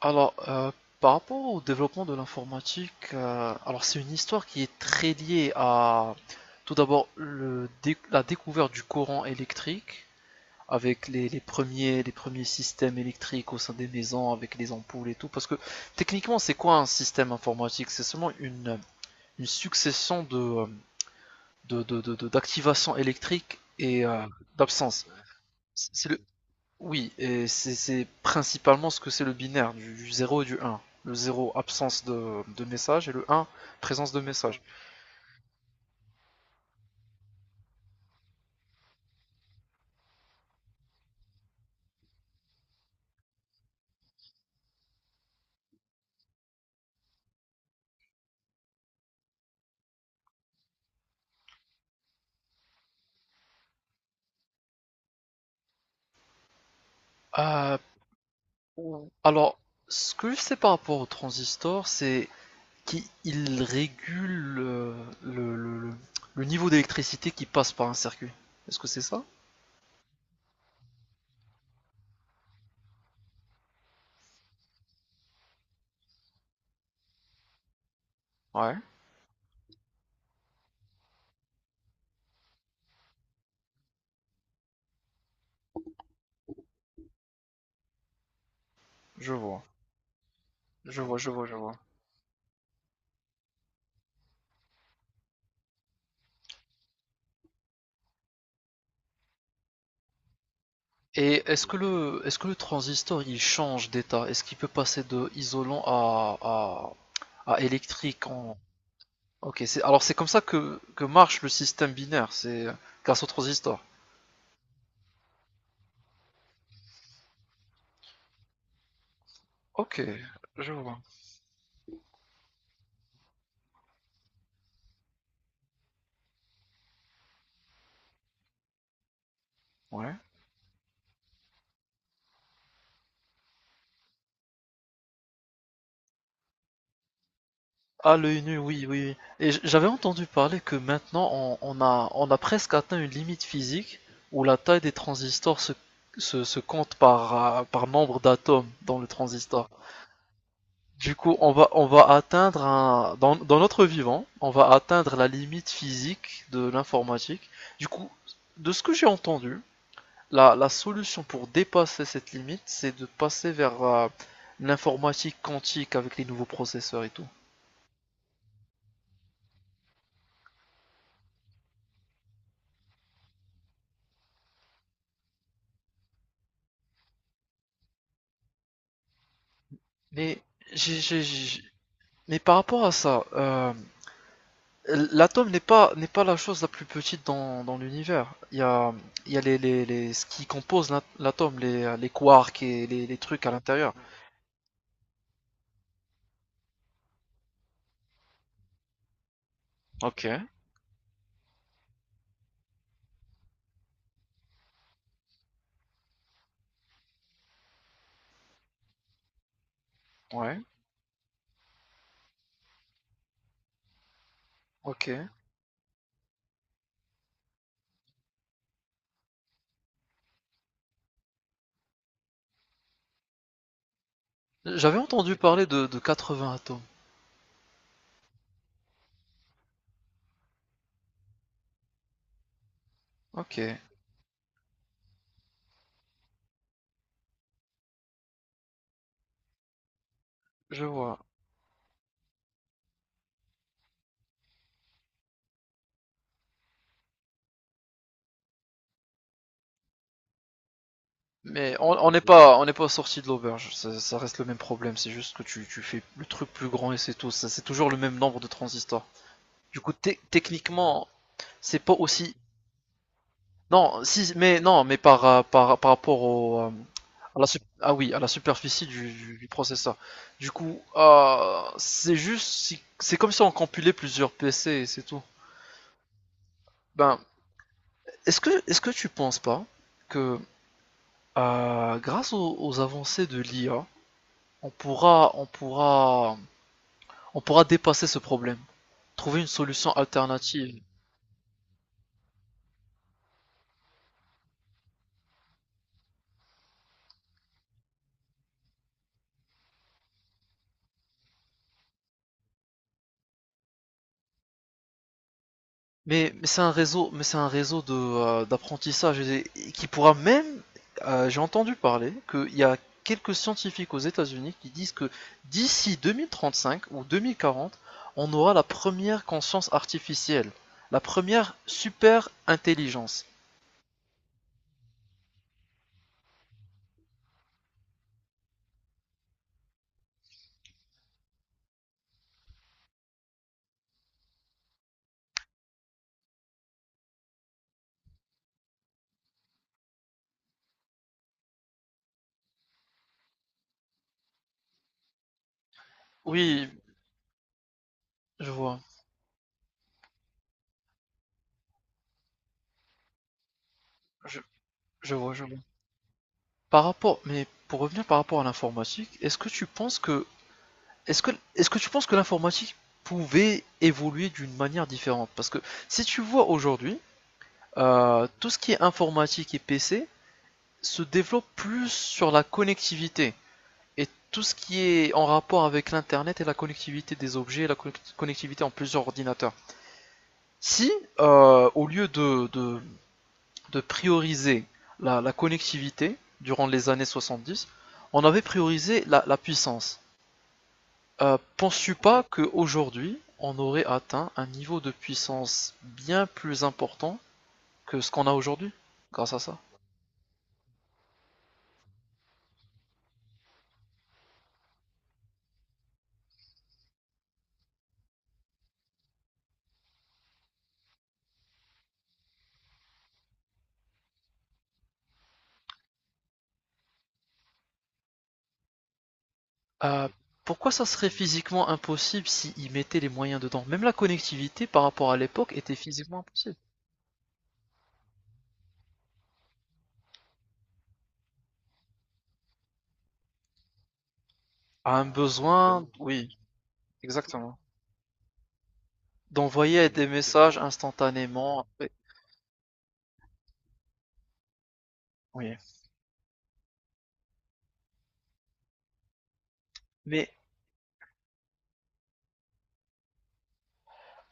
Alors, par rapport au développement de l'informatique, alors c'est une histoire qui est très liée à tout d'abord la découverte du courant électrique avec les premiers systèmes électriques au sein des maisons avec les ampoules et tout. Parce que techniquement, c'est quoi un système informatique? C'est seulement une succession d'activations électriques et d'absence. C'est Oui, et c'est principalement ce que c'est le binaire, du 0 et du 1. Le zéro absence de message, et le 1 présence de message. Euh, alors, ce que je sais par rapport au transistor, c'est qu'il régule le, le- le- le niveau d'électricité qui passe par un circuit. Est-ce que c'est ça? Ouais, je vois. Je vois, je vois, je vois. Et est-ce que le transistor, il change d'état? Est-ce qu'il peut passer de isolant à électrique en. Ok, c'est alors c'est comme ça que marche le système binaire, c'est grâce au transistor. Ok, je vois. Ouais. Ah, l'œil nu, oui, oui. Oui. Et j'avais entendu parler que maintenant on a presque atteint une limite physique où la taille des transistors se compte par, par nombre d'atomes dans le transistor. Du coup, on va atteindre un, dans notre vivant, on va atteindre la limite physique de l'informatique. Du coup, de ce que j'ai entendu, la solution pour dépasser cette limite, c'est de passer vers l'informatique quantique avec les nouveaux processeurs et tout. Mais, j'ai- j'ai- j'ai- mais par rapport à ça, l'atome n'est pas la chose la plus petite dans l'univers. Il y a ce qui compose l'atome, les quarks et les trucs à l'intérieur. Ok, ouais, ok. J'avais entendu parler de 80 atomes. Ok, je vois. Mais on n'est pas sorti de l'auberge. Ça reste le même problème. C'est juste que tu fais le truc plus grand et c'est tout. Ça, c'est toujours le même nombre de transistors. Du coup, techniquement, c'est pas aussi. Non, si, mais non, mais par rapport à la, ah oui, à la superficie du processeur. Du coup, c'est juste, c'est comme si on compilait plusieurs PC et c'est tout. Ben, est-ce que tu penses pas que grâce aux avancées de l'IA, on pourra, on pourra On pourra dépasser ce problème, trouver une solution alternative. Mais, c'est un réseau de d'apprentissage et qui pourra même. J'ai entendu parler qu'il y a quelques scientifiques aux États-Unis qui disent que d'ici 2035 ou 2040, on aura la première conscience artificielle, la première super intelligence. Oui, je vois, je, je vois, je vois. Mais pour revenir par rapport à l'informatique, est-ce que tu penses que l'informatique pouvait évoluer d'une manière différente? Parce que si tu vois aujourd'hui, tout ce qui est informatique et PC se développe plus sur la connectivité et tout ce qui est en rapport avec l'Internet et la connectivité des objets, la connectivité en plusieurs ordinateurs. Si, au lieu de prioriser la connectivité durant les années 70, on avait priorisé la puissance. Penses-tu pas qu'aujourd'hui, on aurait atteint un niveau de puissance bien plus important que ce qu'on a aujourd'hui, grâce à ça? Euh, pourquoi ça serait physiquement impossible s'ils mettaient les moyens dedans? Même la connectivité par rapport à l'époque était physiquement impossible. Un besoin, oui, exactement. D'envoyer des messages instantanément, oui. Oui. Mais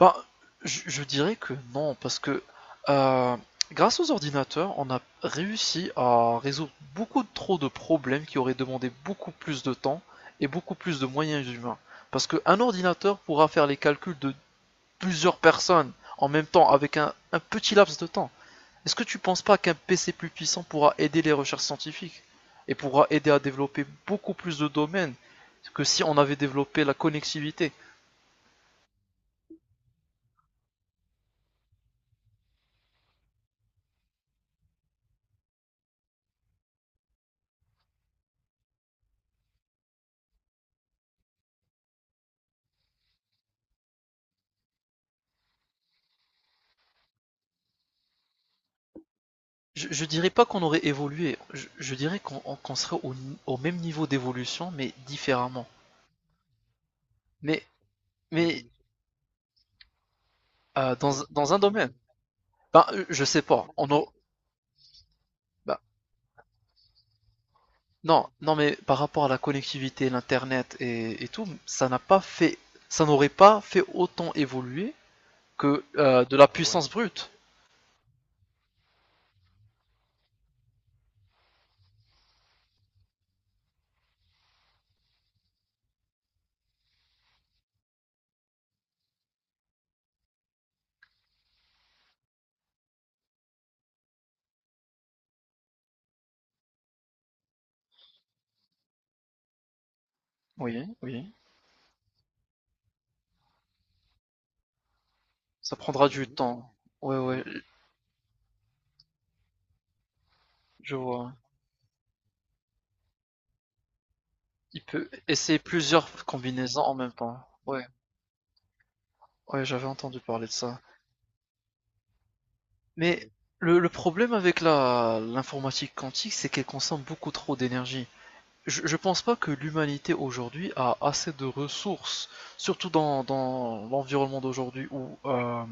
Ben, je dirais que non, parce que euh, grâce aux ordinateurs, on a réussi à résoudre beaucoup trop de problèmes qui auraient demandé beaucoup plus de temps et beaucoup plus de moyens humains. Parce qu'un ordinateur pourra faire les calculs de plusieurs personnes en même temps avec un petit laps de temps. Est-ce que tu penses pas qu'un PC plus puissant pourra aider les recherches scientifiques et pourra aider à développer beaucoup plus de domaines que si on avait développé la connectivité? Je dirais pas qu'on aurait évolué, je dirais qu'on serait au même niveau d'évolution, mais différemment. Mais, mais, dans un domaine, ben, je sais pas, on a. Ben, non, non, mais par rapport à la connectivité, l'Internet et tout, ça n'aurait pas fait autant évoluer que de la puissance brute. Oui, oui, ça prendra du temps. Ouais, ouais, je vois. Il peut essayer plusieurs combinaisons en même temps. Ouais, ouais, j'avais entendu parler de ça. Mais le problème avec la l'informatique quantique, c'est qu'elle consomme beaucoup trop d'énergie. Je pense pas que l'humanité aujourd'hui a assez de ressources, surtout dans l'environnement d'aujourd'hui où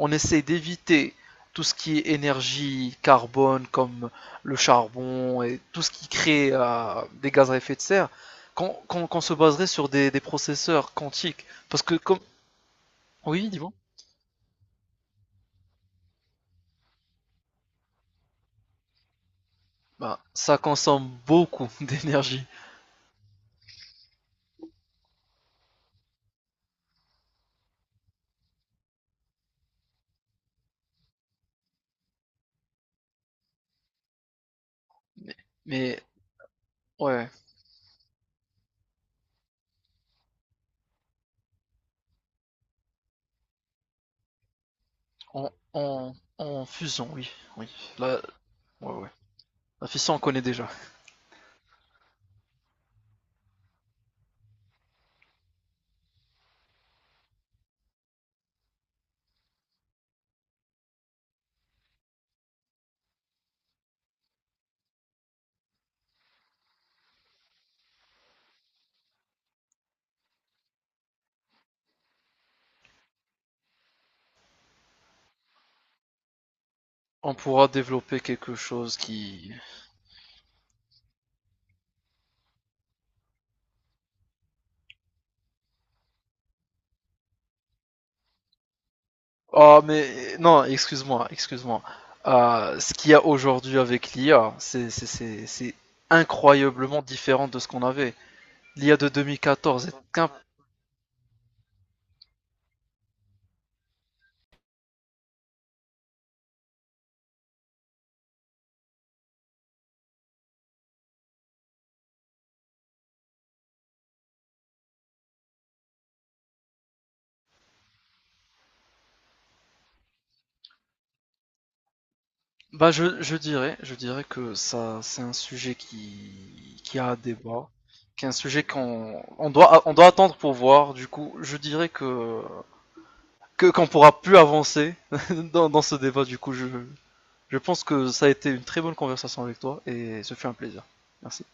on essaie d'éviter tout ce qui est énergie carbone comme le charbon et tout ce qui crée des gaz à effet de serre, qu'on se baserait sur des processeurs quantiques. Parce que comme. Oui, dis-moi. Bah, ça consomme beaucoup d'énergie. Mais, mais Ouais, en fusion, oui, oui. Là, ouais, ouais. La fission, on connaît déjà. On pourra développer quelque chose qui. Oh, mais non, excuse-moi, excuse-moi. Ce qu'il y a aujourd'hui avec l'IA, c'est incroyablement différent de ce qu'on avait. L'IA de 2014 est qu'un. Bah, je dirais que ça, c'est un sujet qui a un débat, qui est un sujet qu'on on doit attendre pour voir. Du coup, je dirais que qu'on pourra plus avancer dans ce débat. Du coup, je pense que ça a été une très bonne conversation avec toi et ce fut un plaisir. Merci.